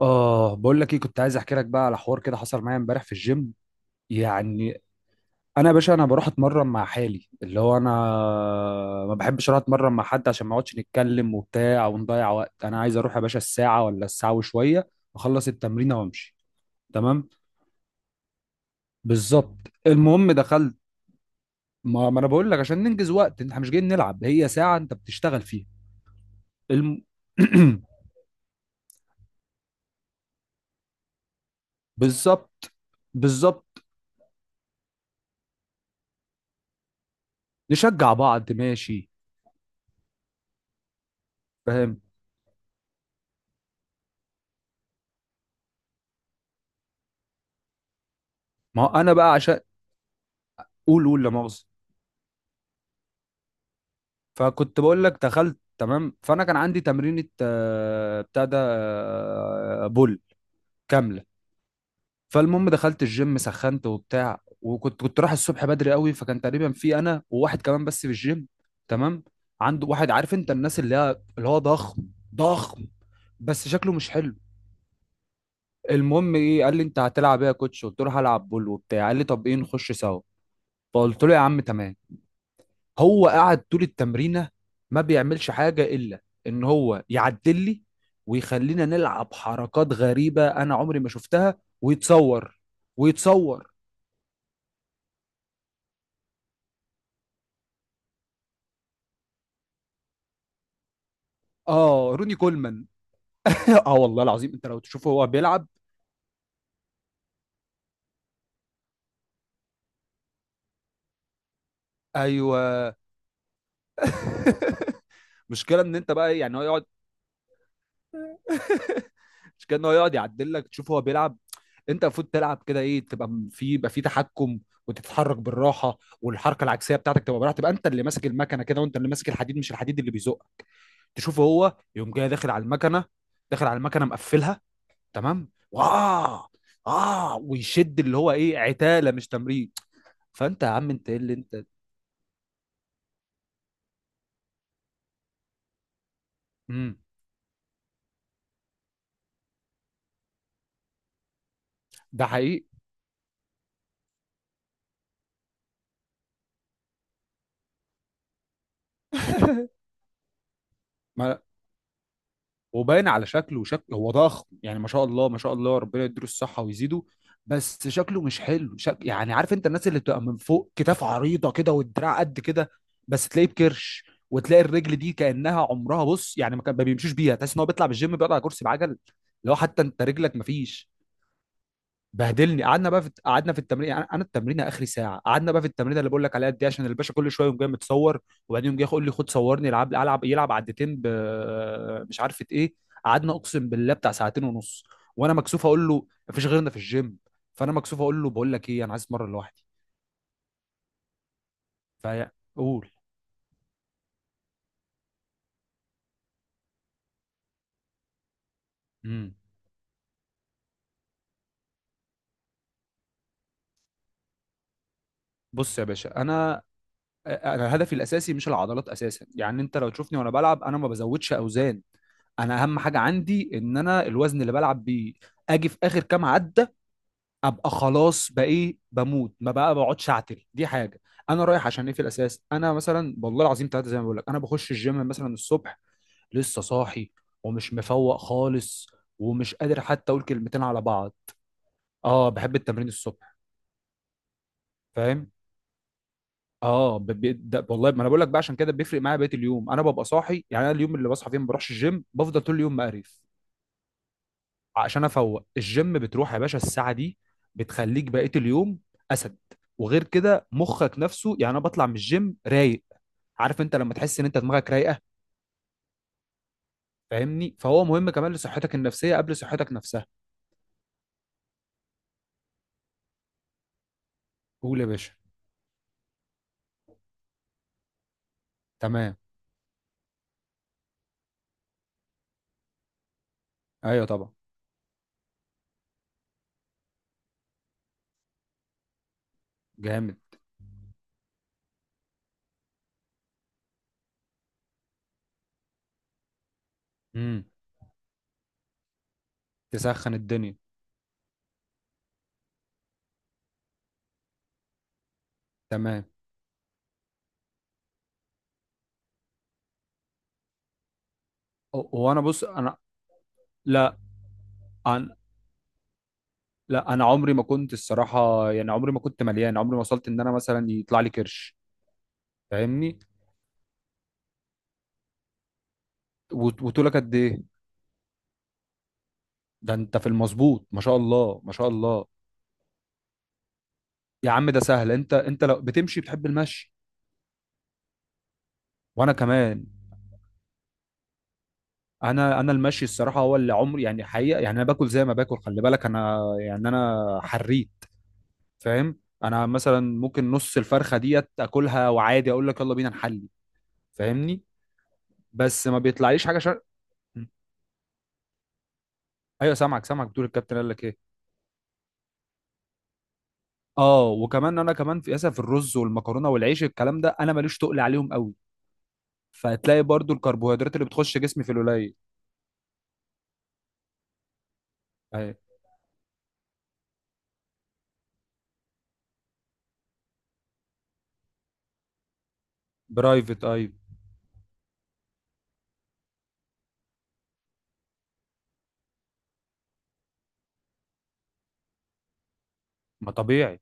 اه بقول لك ايه، كنت عايز احكي لك بقى على حوار كده حصل معايا امبارح في الجيم يعني. انا يا باشا، انا بروح اتمرن مع حالي، اللي هو انا ما بحبش اروح اتمرن مع حد عشان ما اقعدش نتكلم وبتاع ونضيع وقت. انا عايز اروح يا باشا الساعه ولا الساعه وشويه، اخلص التمرين وامشي. تمام. بالظبط. المهم دخلت. ما انا بقول لك عشان ننجز وقت، احنا مش جايين نلعب، هي ساعه انت بتشتغل فيها. الم... بالظبط. بالظبط. نشجع بعض ماشي. فاهم. ما هو انا بقى عشان، قول قول لا مؤاخذة. فكنت بقول لك دخلت تمام، فانا كان عندي تمرينة بتاع ده بول كاملة. فالمهم دخلت الجيم، سخنت وبتاع، وكنت رايح الصبح بدري قوي، فكان تقريبا في انا وواحد كمان بس في الجيم. تمام. عنده واحد، عارف انت الناس اللي هي اللي هو ضخم، ضخم بس شكله مش حلو. المهم ايه، قال لي انت هتلعب ايه يا كوتش؟ قلت له هلعب بول وبتاع. قال لي طب ايه نخش سوا؟ فقلت له يا عم تمام. هو قعد طول التمرينة ما بيعملش حاجة إلا إن هو يعدل لي ويخلينا نلعب حركات غريبة أنا عمري ما شفتها، ويتصور ويتصور. آه روني كولمان. آه والله العظيم، أنت لو تشوفه هو بيلعب. أيوه. مشكلة إن أنت بقى يعني هو يقعد، مشكلة إن هو يقعد يعدل لك تشوف هو بيلعب. أنت المفروض تلعب كده، إيه، تبقى في يبقى في تحكم وتتحرك بالراحة، والحركة العكسية بتاعتك تبقى براحة، تبقى أنت اللي ماسك المكنة كده، وأنت اللي ماسك الحديد مش الحديد اللي بيزق. تشوفه هو يقوم جاي داخل على المكنه، داخل على المكنه مقفلها. تمام واه. اه ويشد اللي هو ايه، عتاله مش تمرين. فانت يا عم انت ايه اللي انت. امم. ده حقيقي. ما وباين على شكله، شكله هو ضخم يعني، ما شاء الله ما شاء الله، ربنا يديله الصحة ويزيده، بس شكله مش حلو. يعني عارف انت الناس اللي بتبقى من فوق كتاف عريضة كده، والدراع قد كده، بس تلاقيه بكرش، وتلاقي الرجل دي كأنها عمرها بص يعني ما كان ما بيمشوش بيها، تحس ان هو بيطلع بالجيم بيقعد على كرسي بعجل. لو حتى انت رجلك ما فيش. بهدلني. قعدنا بقى في قعدنا في التمرين، يعني انا التمرين اخري ساعه، قعدنا بقى في التمرين اللي بقول لك عليها دي، عشان الباشا كل شويه يقوم جاي متصور، وبعدين يقوم جاي يقول لي خد صورني، العب العب، يلعب عدتين ب، مش عارفه ايه. قعدنا اقسم بالله بتاع ساعتين ونص، وانا مكسوف اقول له مفيش غيرنا في الجيم، فانا مكسوف اقول له بقول لك ايه انا عايز اتمرن لوحدي، فقول. امم. بص يا باشا انا، انا هدفي الاساسي مش العضلات اساسا، يعني انت لو تشوفني وانا بلعب انا ما بزودش اوزان. انا اهم حاجه عندي ان انا الوزن اللي بلعب بيه اجي في اخر كام عده، ابقى خلاص بقى ايه بموت، ما بقى بقعدش اعتل، دي حاجه. انا رايح عشان ايه في الاساس، انا مثلا والله العظيم ثلاثه زي ما بقول لك، انا بخش الجيم مثلا الصبح لسه صاحي، ومش مفوق خالص، ومش قادر حتى اقول كلمتين على بعض. اه بحب التمرين الصبح. فاهم. اه ده والله ما انا بقول لك بقى عشان كده بيفرق معايا بقيه اليوم. انا ببقى صاحي، يعني انا اليوم اللي بصحى فيه ما بروحش الجيم بفضل طول اليوم مقرف، عشان افوق. الجيم بتروح يا باشا الساعه دي، بتخليك بقيه اليوم اسد. وغير كده مخك نفسه، يعني انا بطلع من الجيم رايق، عارف انت لما تحس ان انت دماغك رايقه، فاهمني؟ فهو مهم كمان لصحتك النفسيه قبل صحتك نفسها. قول يا باشا. تمام. ايوه طبعا. جامد. امم. تسخن الدنيا. تمام. وانا بص انا، لا. أنا. لا انا عمري ما كنت الصراحه، يعني عمري ما كنت مليان، عمري ما وصلت ان انا مثلا يطلع لي كرش. فاهمني. وطولك قد ايه؟ ده انت في المظبوط، ما شاء الله ما شاء الله. يا عم ده سهل، انت انت لو بتمشي، بتحب المشي؟ وانا كمان. انا انا المشي الصراحه هو اللي عمري يعني حقيقه، يعني انا باكل زي ما باكل، خلي بالك انا يعني انا حريت. فاهم؟ انا مثلا ممكن نص الفرخه ديت اكلها وعادي اقول لك يلا بينا نحلي، فاهمني؟ بس ما بيطلعليش حاجه. أمم. ايوه سامعك سامعك، بتقول الكابتن قال لك ايه. اه وكمان انا كمان في، اسف، في الرز والمكرونه والعيش، الكلام ده انا ماليش تقل عليهم قوي، فهتلاقي برضو الكربوهيدرات اللي بتخش جسمي في القليل. اي. برايفت، اي. ما طبيعي.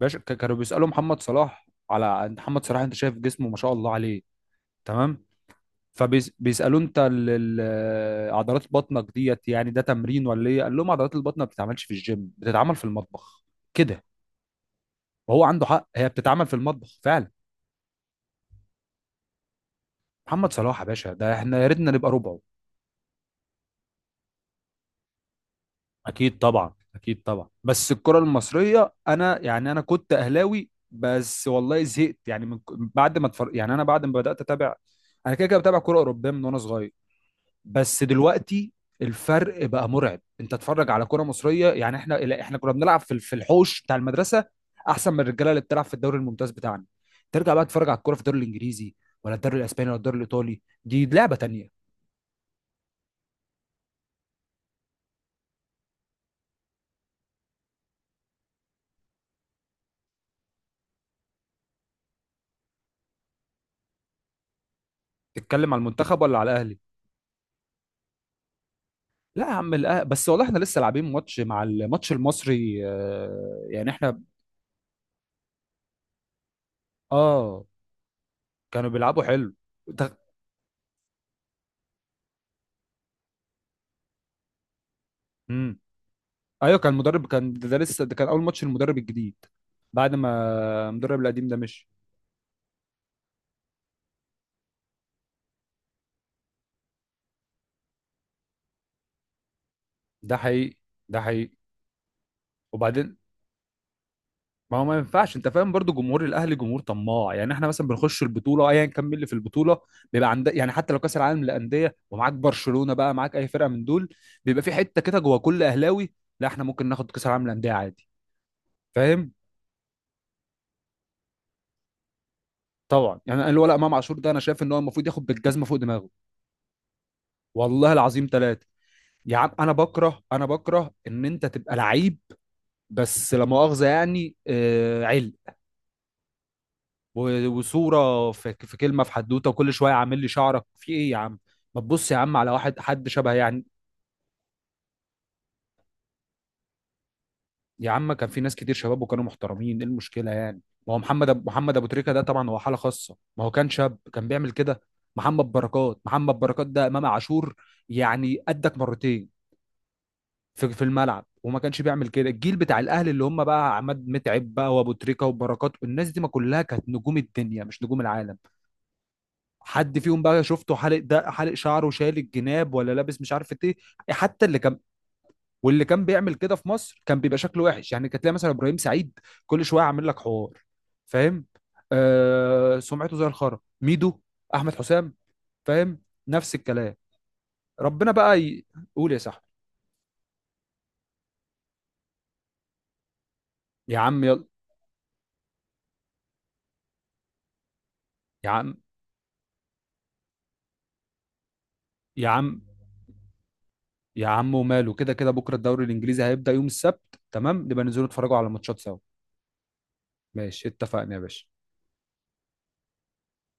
باشا، كانوا بيسالوا محمد صلاح، على محمد صلاح انت شايف جسمه ما شاء الله عليه، تمام؟ فبيسالوا انت عضلات بطنك ديت يعني، ده تمرين ولا ايه؟ قال لهم عضلات البطن ما بتتعملش في الجيم، بتتعمل في المطبخ، كده. وهو عنده حق، هي بتتعمل في المطبخ فعلا. محمد صلاح يا باشا ده احنا يا ريتنا نبقى ربعه. اكيد طبعا، اكيد طبعا، بس الكره المصريه، انا يعني انا كنت اهلاوي، بس والله زهقت، يعني من بعد ما اتفرج، يعني انا بعد ما بدات اتابع، انا كده كده بتابع كره اوروبيه من وانا صغير، بس دلوقتي الفرق بقى مرعب. انت اتفرج على كره مصريه، يعني احنا لا، احنا كنا بنلعب في الحوش بتاع المدرسه احسن من الرجاله اللي بتلعب في الدوري الممتاز بتاعنا. ترجع بقى تتفرج على الكره في الدوري الانجليزي، ولا الدوري الاسباني، ولا الدوري الايطالي، دي لعبه تانيه. تتكلم على المنتخب ولا على الاهلي؟ لا يا عم، بس والله احنا لسه لاعبين ماتش مع الماتش المصري يعني احنا، اه، كانوا بيلعبوا حلو ده. امم. ايوه كان المدرب، كان ده ده لسه ده كان اول ماتش المدرب الجديد بعد ما المدرب القديم ده مشي. ده حقيقي، ده حقيقي. وبعدين، ما هو ما ينفعش. انت فاهم برضو، جمهور الاهلي جمهور طماع، يعني احنا مثلا بنخش البطوله ايا كان مين اللي في البطوله، بيبقى عندك يعني حتى لو كاس العالم للانديه ومعاك برشلونه بقى، معاك اي فرقه من دول، بيبقى في حته كده جوه كل اهلاوي، لا احنا ممكن ناخد كاس العالم للانديه عادي. فاهم؟ طبعا، يعني الولد امام عاشور ده انا شايف ان هو المفروض ياخد بالجزمه فوق دماغه، والله العظيم ثلاثه. يا عم انا بكره، انا بكره ان انت تبقى لعيب، بس لا مؤاخذه، يعني آه علم، وصوره في كلمه، في حدوته، وكل شويه عامل لي شعرك في ايه يا عم؟ ما تبص يا عم على واحد، حد شبه يعني. يا عم كان في ناس كتير شباب وكانوا محترمين، ايه المشكله يعني؟ ما هو محمد محمد ابو تريكه ده طبعا هو حاله خاصه، ما هو كان شاب كان بيعمل كده؟ محمد بركات، محمد بركات ده امام عاشور يعني قدك مرتين في الملعب وما كانش بيعمل كده. الجيل بتاع الاهلي اللي هم بقى عماد متعب بقى وابو تريكه وبركات، الناس دي ما كلها كانت نجوم الدنيا مش نجوم العالم، حد فيهم بقى شفته حالق ده، حالق شعره، شايل الجناب، ولا لابس مش عارف ايه؟ حتى اللي كان، واللي كان بيعمل كده في مصر كان بيبقى شكله وحش، يعني كانت تلاقي مثلا ابراهيم سعيد كل شويه عامل لك حوار، فاهم؟ آه سمعته زي الخرا. ميدو، احمد حسام، فاهم، نفس الكلام. ربنا بقى قول يا صاحبي. يا عم يلا. يا عم، يا عم، يا عم وماله، كده كده بكره الدوري الانجليزي هيبدا يوم السبت، تمام؟ نبقى ننزلوا نتفرجوا على ماتشات سوا. ماشي، اتفقنا يا باشا.